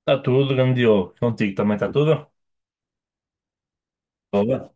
Está tudo, grande Diogo. Contigo também está tudo? Boa.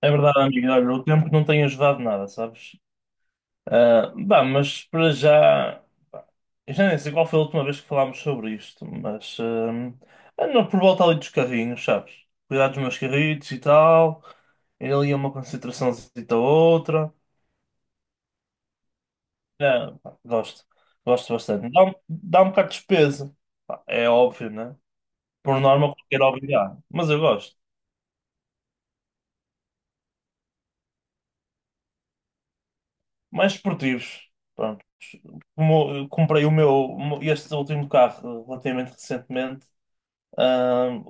É verdade, amigo. Olha, o tempo não tem ajudado nada, sabes? Ah, bah, mas para já. Pá, eu já nem sei qual foi a última vez que falámos sobre isto, mas ando por volta ali dos carrinhos, sabes? Cuidar dos meus carritos e tal. Ir ali a uma concentraçãozinha a outra. É, pá, gosto. Gosto bastante. Dá um bocado de despesa. Pá, é óbvio, né? Por norma, qualquer hobby dá. Mas eu gosto. Mais esportivos. Pronto. Como eu comprei o meu, este último carro relativamente recentemente, ahm,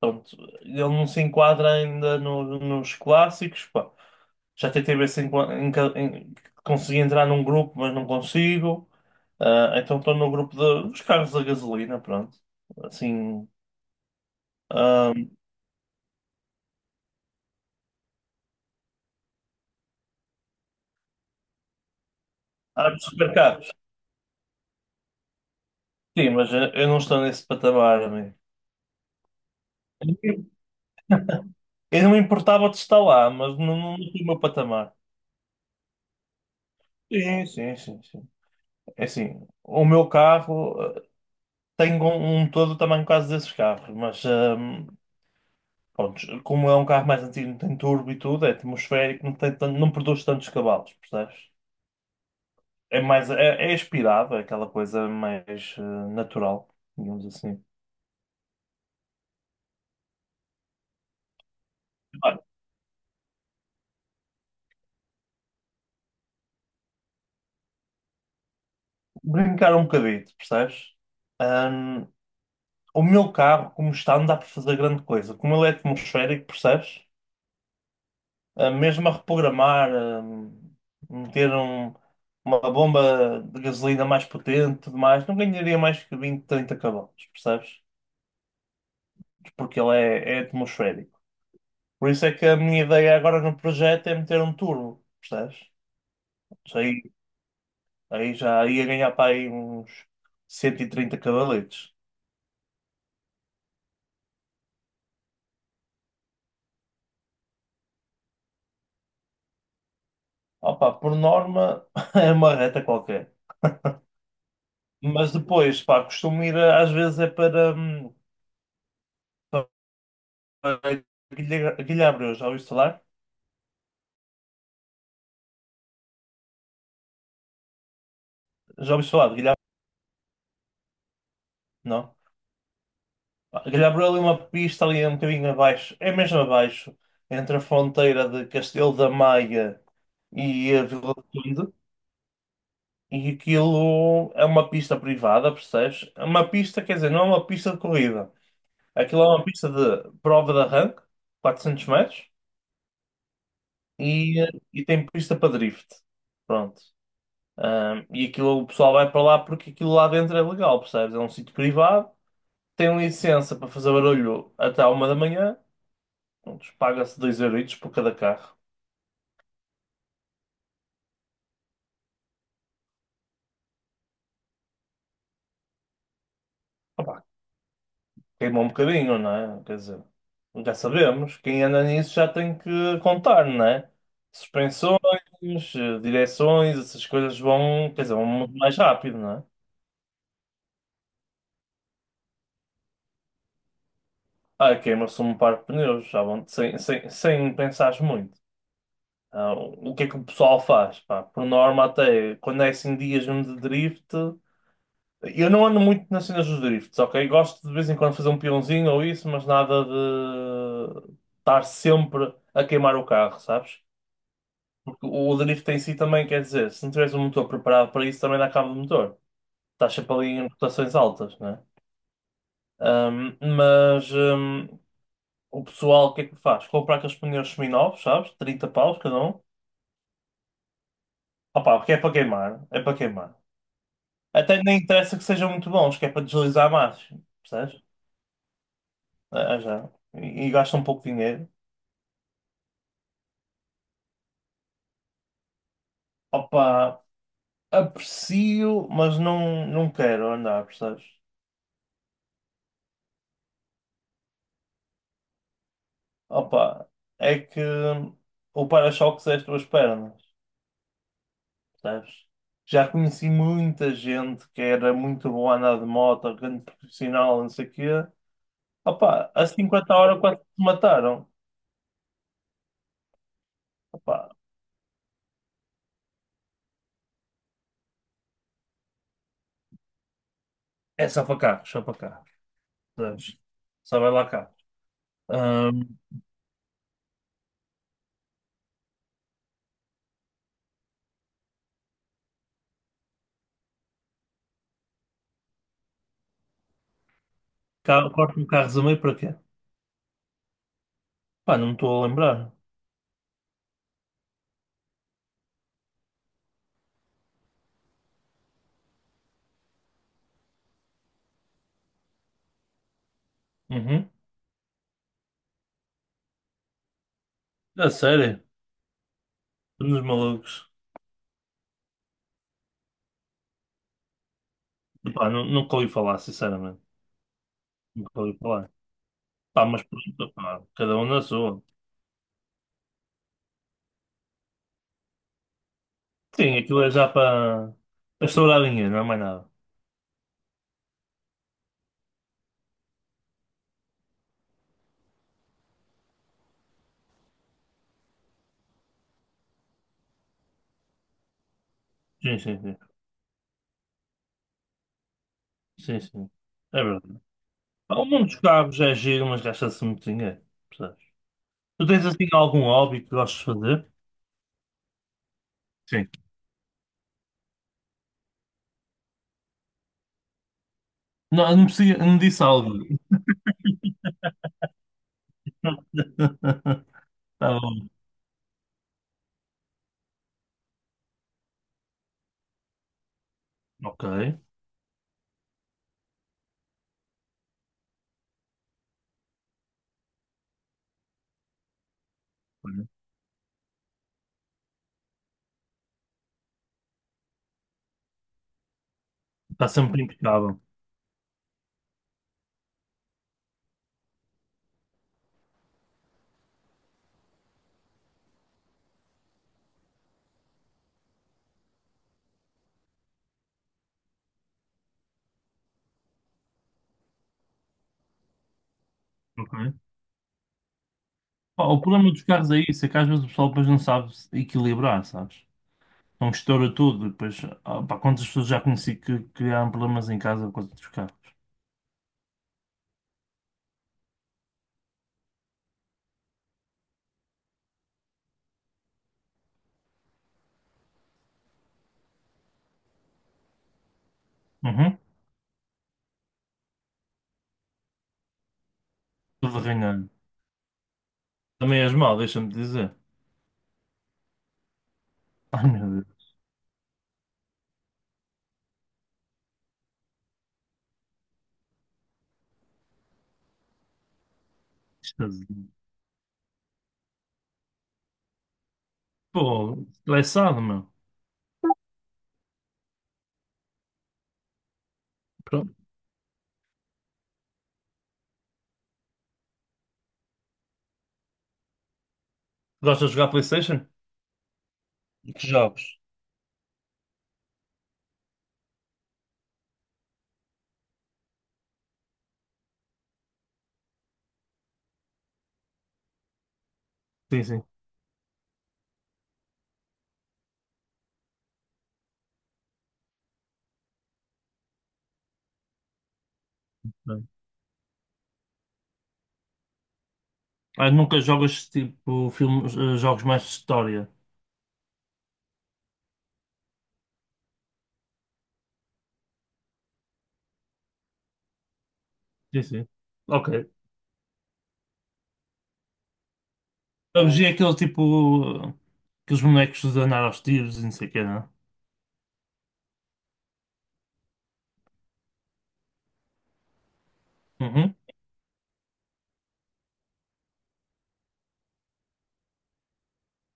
pronto, ele não se enquadra ainda nos clássicos. Pá. Já tentei ver se consegui entrar num grupo, mas não consigo. Ah, então estou no grupo dos carros a gasolina, pronto. Assim, ahm, há de supercarros. Sim, mas eu não estou nesse patamar, amigo. Eu não me importava de estar lá, mas não, não, estou no meu patamar. Sim, sim, sim, sim. É assim, o meu carro tem um todo também quase desses carros, mas pronto, como é um carro mais antigo, não tem turbo e tudo, é atmosférico, não produz tantos cavalos, percebes? É mais, é aspirado, é aquela coisa mais natural, digamos assim. Ah, brincar um bocadito, percebes? Ahm, o meu carro, como está, não dá para fazer grande coisa. Como ele é atmosférico, percebes? Mesmo a reprogramar, meter um- uma bomba de gasolina mais potente, e tudo mais, não ganharia mais que 20, 30 cavalos, percebes? Porque ele é atmosférico. Por isso é que a minha ideia agora no projeto é meter um turbo, percebes? Isso. Aí já ia ganhar para aí uns 130 cavaletes. Opa, por norma é uma reta qualquer. Mas depois, pá, costumo ir às vezes é para Guilhabreus, já ouviste falar? Já ouvi falar de Guilherme? Não. Ah, Guilherme ali é uma pista ali um bocadinho abaixo, é mesmo abaixo, entre a fronteira de Castelo da Maia e a Vila do Conde. E aquilo é uma pista privada, percebes? É uma pista, quer dizer, não é uma pista de corrida. Aquilo é uma pista de prova de arranque, 400 metros, e tem pista para drift. Pronto. Ah, e aquilo o pessoal vai para lá porque aquilo lá dentro é legal, percebes? É um sítio privado, tem licença para fazer barulho até à 1 da manhã. Prontos, paga-se 2 euritos por cada carro. Opa, queima um bocadinho, não é? Quer dizer, já sabemos, quem anda nisso já tem que contar, não é? Suspensões, direções, essas coisas vão, quer dizer, vão muito mais rápido, não é? Ah, queima-se um par de pneus, já vão sem pensares muito. Ah, o que é que o pessoal faz? Pá, por norma, até quando é assim dias mesmo de drift. Eu não ando muito nas cenas dos drifts, ok? Gosto de vez em quando fazer um peãozinho ou isso, mas nada de estar sempre a queimar o carro, sabes? Porque o drift em si também quer dizer, se não tiveres um motor preparado para isso, também dá cabo do motor. Estás sempre ali em rotações altas, né? Mas o pessoal, o que é que faz? Comprar aqueles pneus seminovos, sabes? 30 paus cada um. Opa, porque é para queimar, é para queimar. Até nem interessa que sejam muito bons, que é para deslizar mais, percebes? Ah, já. E gasta um pouco de dinheiro. Opa, aprecio, mas não, não quero andar, percebes? Opa, é que o para-choques é as tuas pernas, percebes? Já conheci muita gente que era muito boa a andar de moto, grande profissional, não sei o quê. Opa, a 50 horas quase que te mataram. Opa, é só para carros, percebes? Só vai lá carros. Ahm, Carro, corto-me carros a meio para quê? Pá, não me estou a lembrar. Uhum. A sério, somos malucos. Pá, nunca ouvi falar, sinceramente. Nunca ouvi falar. Pá, mas pronto, pá, cada um na sua. Sim, aquilo é já para estourar dinheiro, não é mais nada. Sim, sim, sim. Sim, sim. É verdade. Pá, o mundo dos carros é giro, mas gasta-se muito dinheiro. Percebes? Tu tens assim algum hobby que gostes de fazer? Sim. Não, não, precisa, não disse algo. Tá bom. Ok. Está sempre impecável. Ok. Pá, o problema dos carros é isso, é que às vezes o pessoal depois não sabe se equilibrar, sabes? Não estoura tudo, depois, pá, quantas pessoas já conheci que criaram problemas em casa por causa dos carros? Uhum. Tudo arranhado. Também és mau, deixa-me dizer. Ai meu Deus, estás pô, estressado, meu. Pronto. Gostas de jogar PlayStation? Que jogos? Sim, sim. Não. Ah, nunca jogas tipo filmes, jogos mais de história. Sim, sim. Ok. PUBG é aquele tipo, eh, aqueles bonecos de andar aos tiros e não sei o quê, não é? Uhum.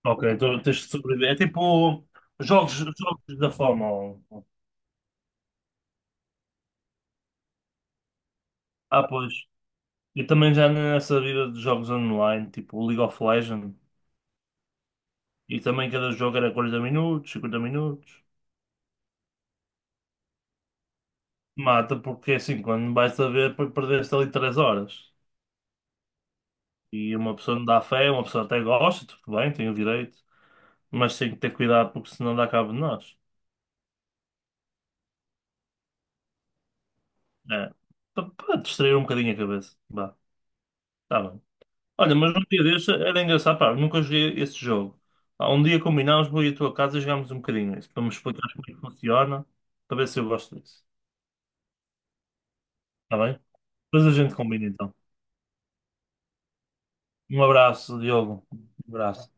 Ok, então tens de sobreviver. É tipo jogos da fama. Ah, pois. Eu também já ando nessa vida de jogos online, tipo League of Legends, e também cada jogo era 40 minutos, 50 minutos. Mata, porque é assim, quando vais a ver, perdeste ali 3 horas. E uma pessoa não dá fé, uma pessoa até gosta, tudo bem, tem o direito, mas tem que ter cuidado porque senão dá cabo de nós. É. Para distrair um bocadinho a cabeça. Vá, tá bem. Olha, mas um dia deste era engraçado, pá, nunca joguei esse jogo. Pá, um dia combinámos, vou ir à tua casa e jogámos um bocadinho isso, para me explicar como é que funciona, para ver se eu gosto disso. Está bem? Depois a gente combina então. Um abraço, Diogo. Um abraço.